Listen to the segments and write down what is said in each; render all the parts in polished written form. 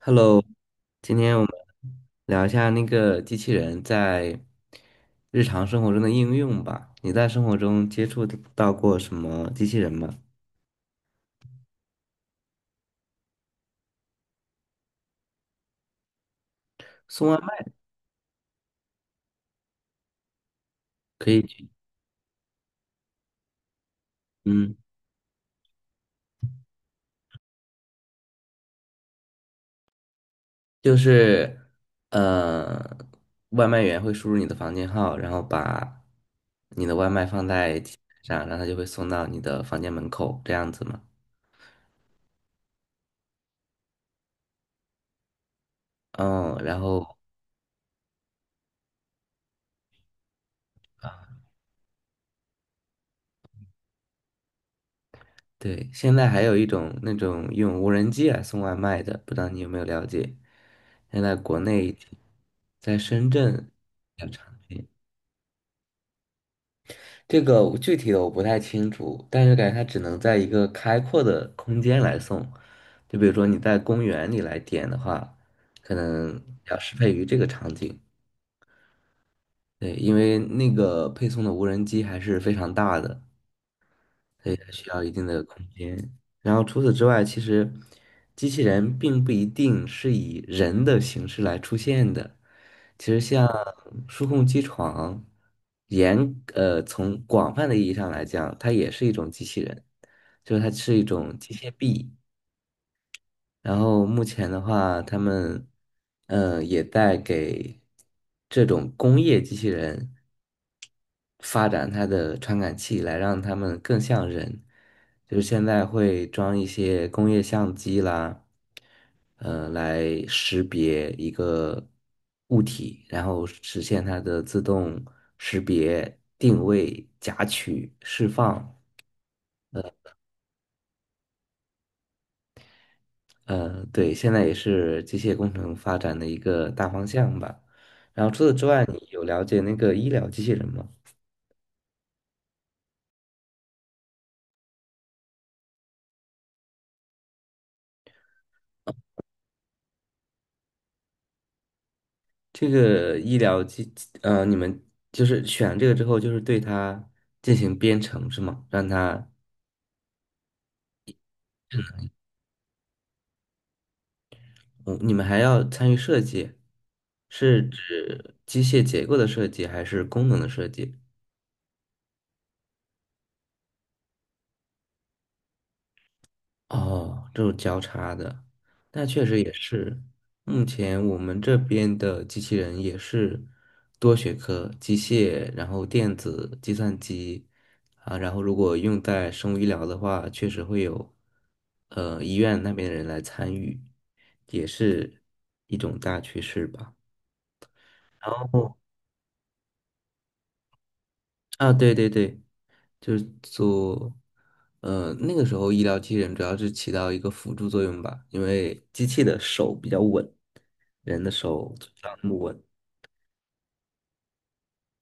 Hello，今天我们聊一下那个机器人在日常生活中的应用吧。你在生活中接触到过什么机器人吗？送外卖可以去嗯，就是呃，外卖员会输入你的房间号，然后把你的外卖放在机器人上，然后它就会送到你的房间门口，这样子吗？嗯，然后对，现在还有一种那种用无人机来送外卖的，不知道你有没有了解？现在国内在深圳，这个我具体的我不太清楚，但是感觉它只能在一个开阔的空间来送，就比如说你在公园里来点的话，可能要适配于这个场景。对，因为那个配送的无人机还是非常大的，所以它需要一定的空间。然后除此之外，其实机器人并不一定是以人的形式来出现的。其实像数控机床，严从广泛的意义上来讲，它也是一种机器人，就是它是一种机械臂。然后目前的话，他们也在给这种工业机器人，发展它的传感器，来让它们更像人。就是现在会装一些工业相机啦，来识别一个物体，然后实现它的自动识别、定位、夹取、释放。对，现在也是机械工程发展的一个大方向吧。然后除此之外，你有了解那个医疗机器人吗？这个医疗机，你们就是选这个之后，就是对它进行编程是吗？嗯，你们还要参与设计，是指机械结构的设计还是功能的设计？哦，这种交叉的，那确实也是。目前我们这边的机器人也是多学科，机械，然后电子、计算机啊，然后如果用在生物医疗的话，确实会有医院那边的人来参与，也是一种大趋势吧。然后。啊，对对对，就是做，那个时候医疗机器人主要是起到一个辅助作用吧，因为机器的手比较稳，人的手就不那么稳。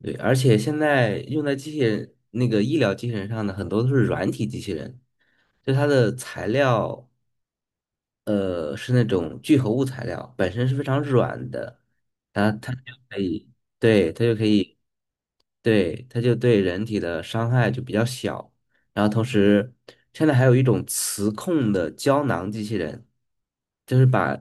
对，而且现在用在机器人那个医疗机器人上的很多都是软体机器人，就它的材料，是那种聚合物材料，本身是非常软的，然后它就可以，对，它就可以。对，它就对人体的伤害就比较小。然后同时，现在还有一种磁控的胶囊机器人，就是把，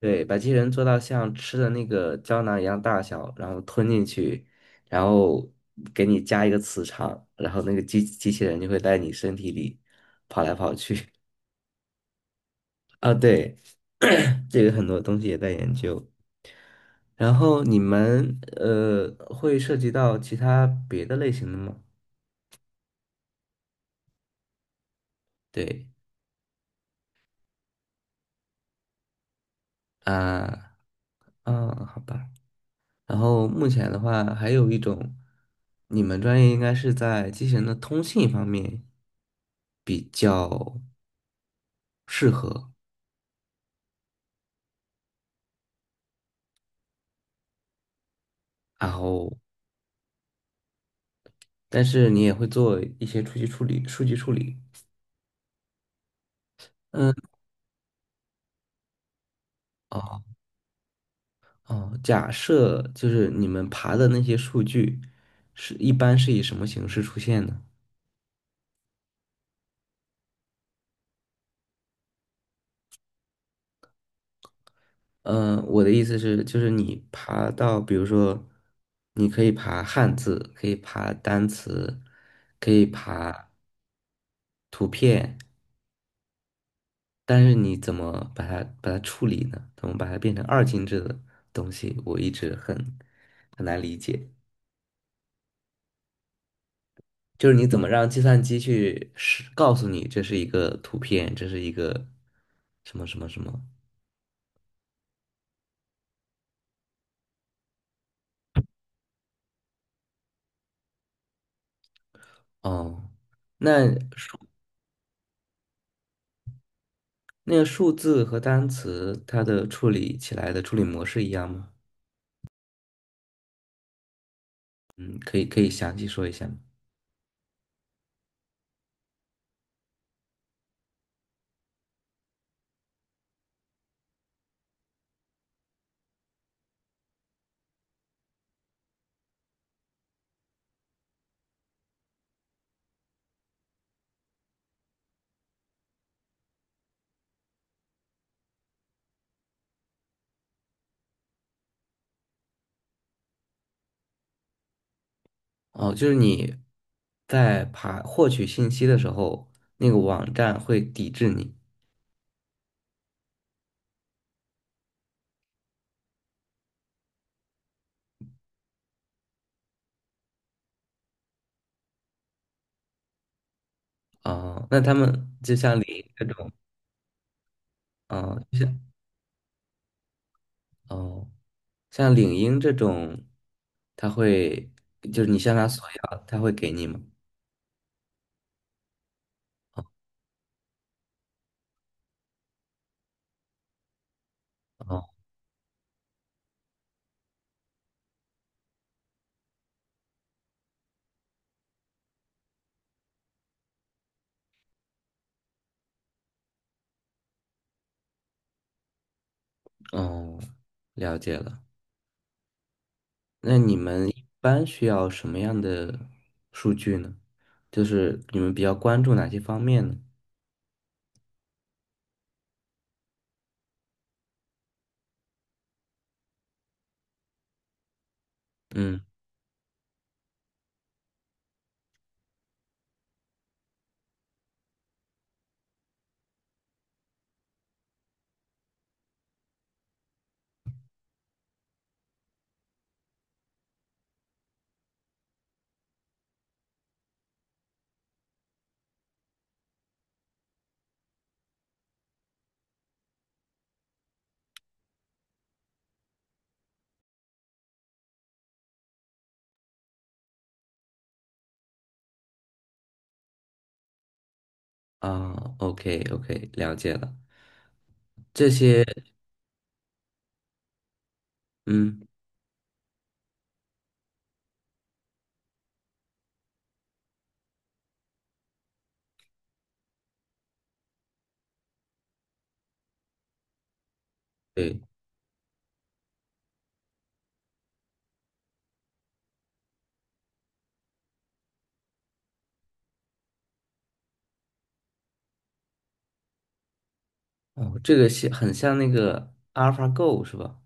对，把机器人做到像吃的那个胶囊一样大小，然后吞进去，然后给你加一个磁场，然后那个机器人就会在你身体里跑来跑去。啊，对，这个很多东西也在研究。然后你们会涉及到其他别的类型的吗？对。啊，嗯，好吧。然后目前的话，还有一种，你们专业应该是在机器人的通信方面比较适合，然后但是你也会做一些数据处理，数据处理。嗯，哦哦，假设就是你们爬的那些数据是一般是以什么形式出现呢？我的意思是，就是你爬到，比如说，你可以爬汉字，可以爬单词，可以爬图片，但是你怎么把它处理呢？怎么把它变成二进制的东西？我一直很难理解，就是你怎么让计算机去是告诉你这是一个图片，这是一个什么什么什么？哦，那那个数字和单词它的处理起来的处理模式一样吗？嗯，可以详细说一下吗？哦，就是你在爬获取信息的时候，那个网站会抵制你。哦，那他们就像领英这种，哦，就像哦，像领英这种，他会就是你向他索要，他会给你吗？哦哦，了解了。那你们一般需要什么样的数据呢？就是你们比较关注哪些方面呢？嗯啊，OK OK，了解了。这些，嗯，对，哦，这个像很像那个 AlphaGo 是吧？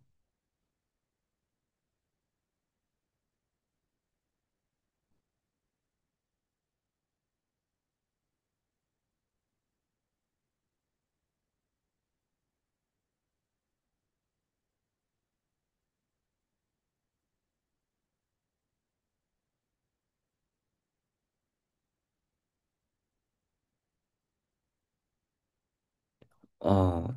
哦，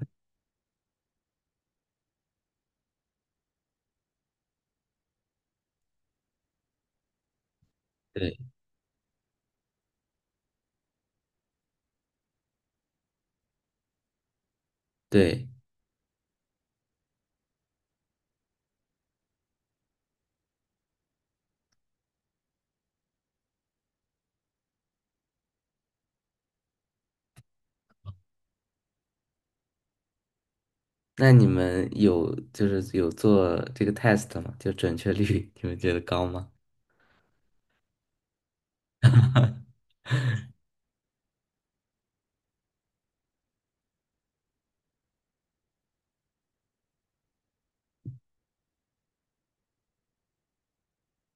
对对。那你们有就是有做这个 test 吗？就准确率，你们觉得高吗？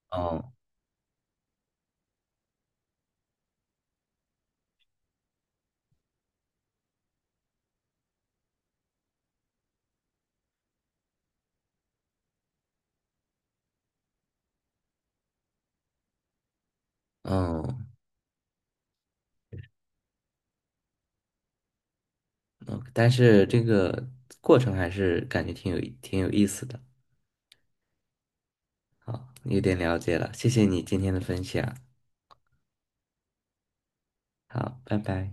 哦哦，哦但是这个过程还是感觉挺有意思的。好，有点了解了，谢谢你今天的分享，好，拜拜。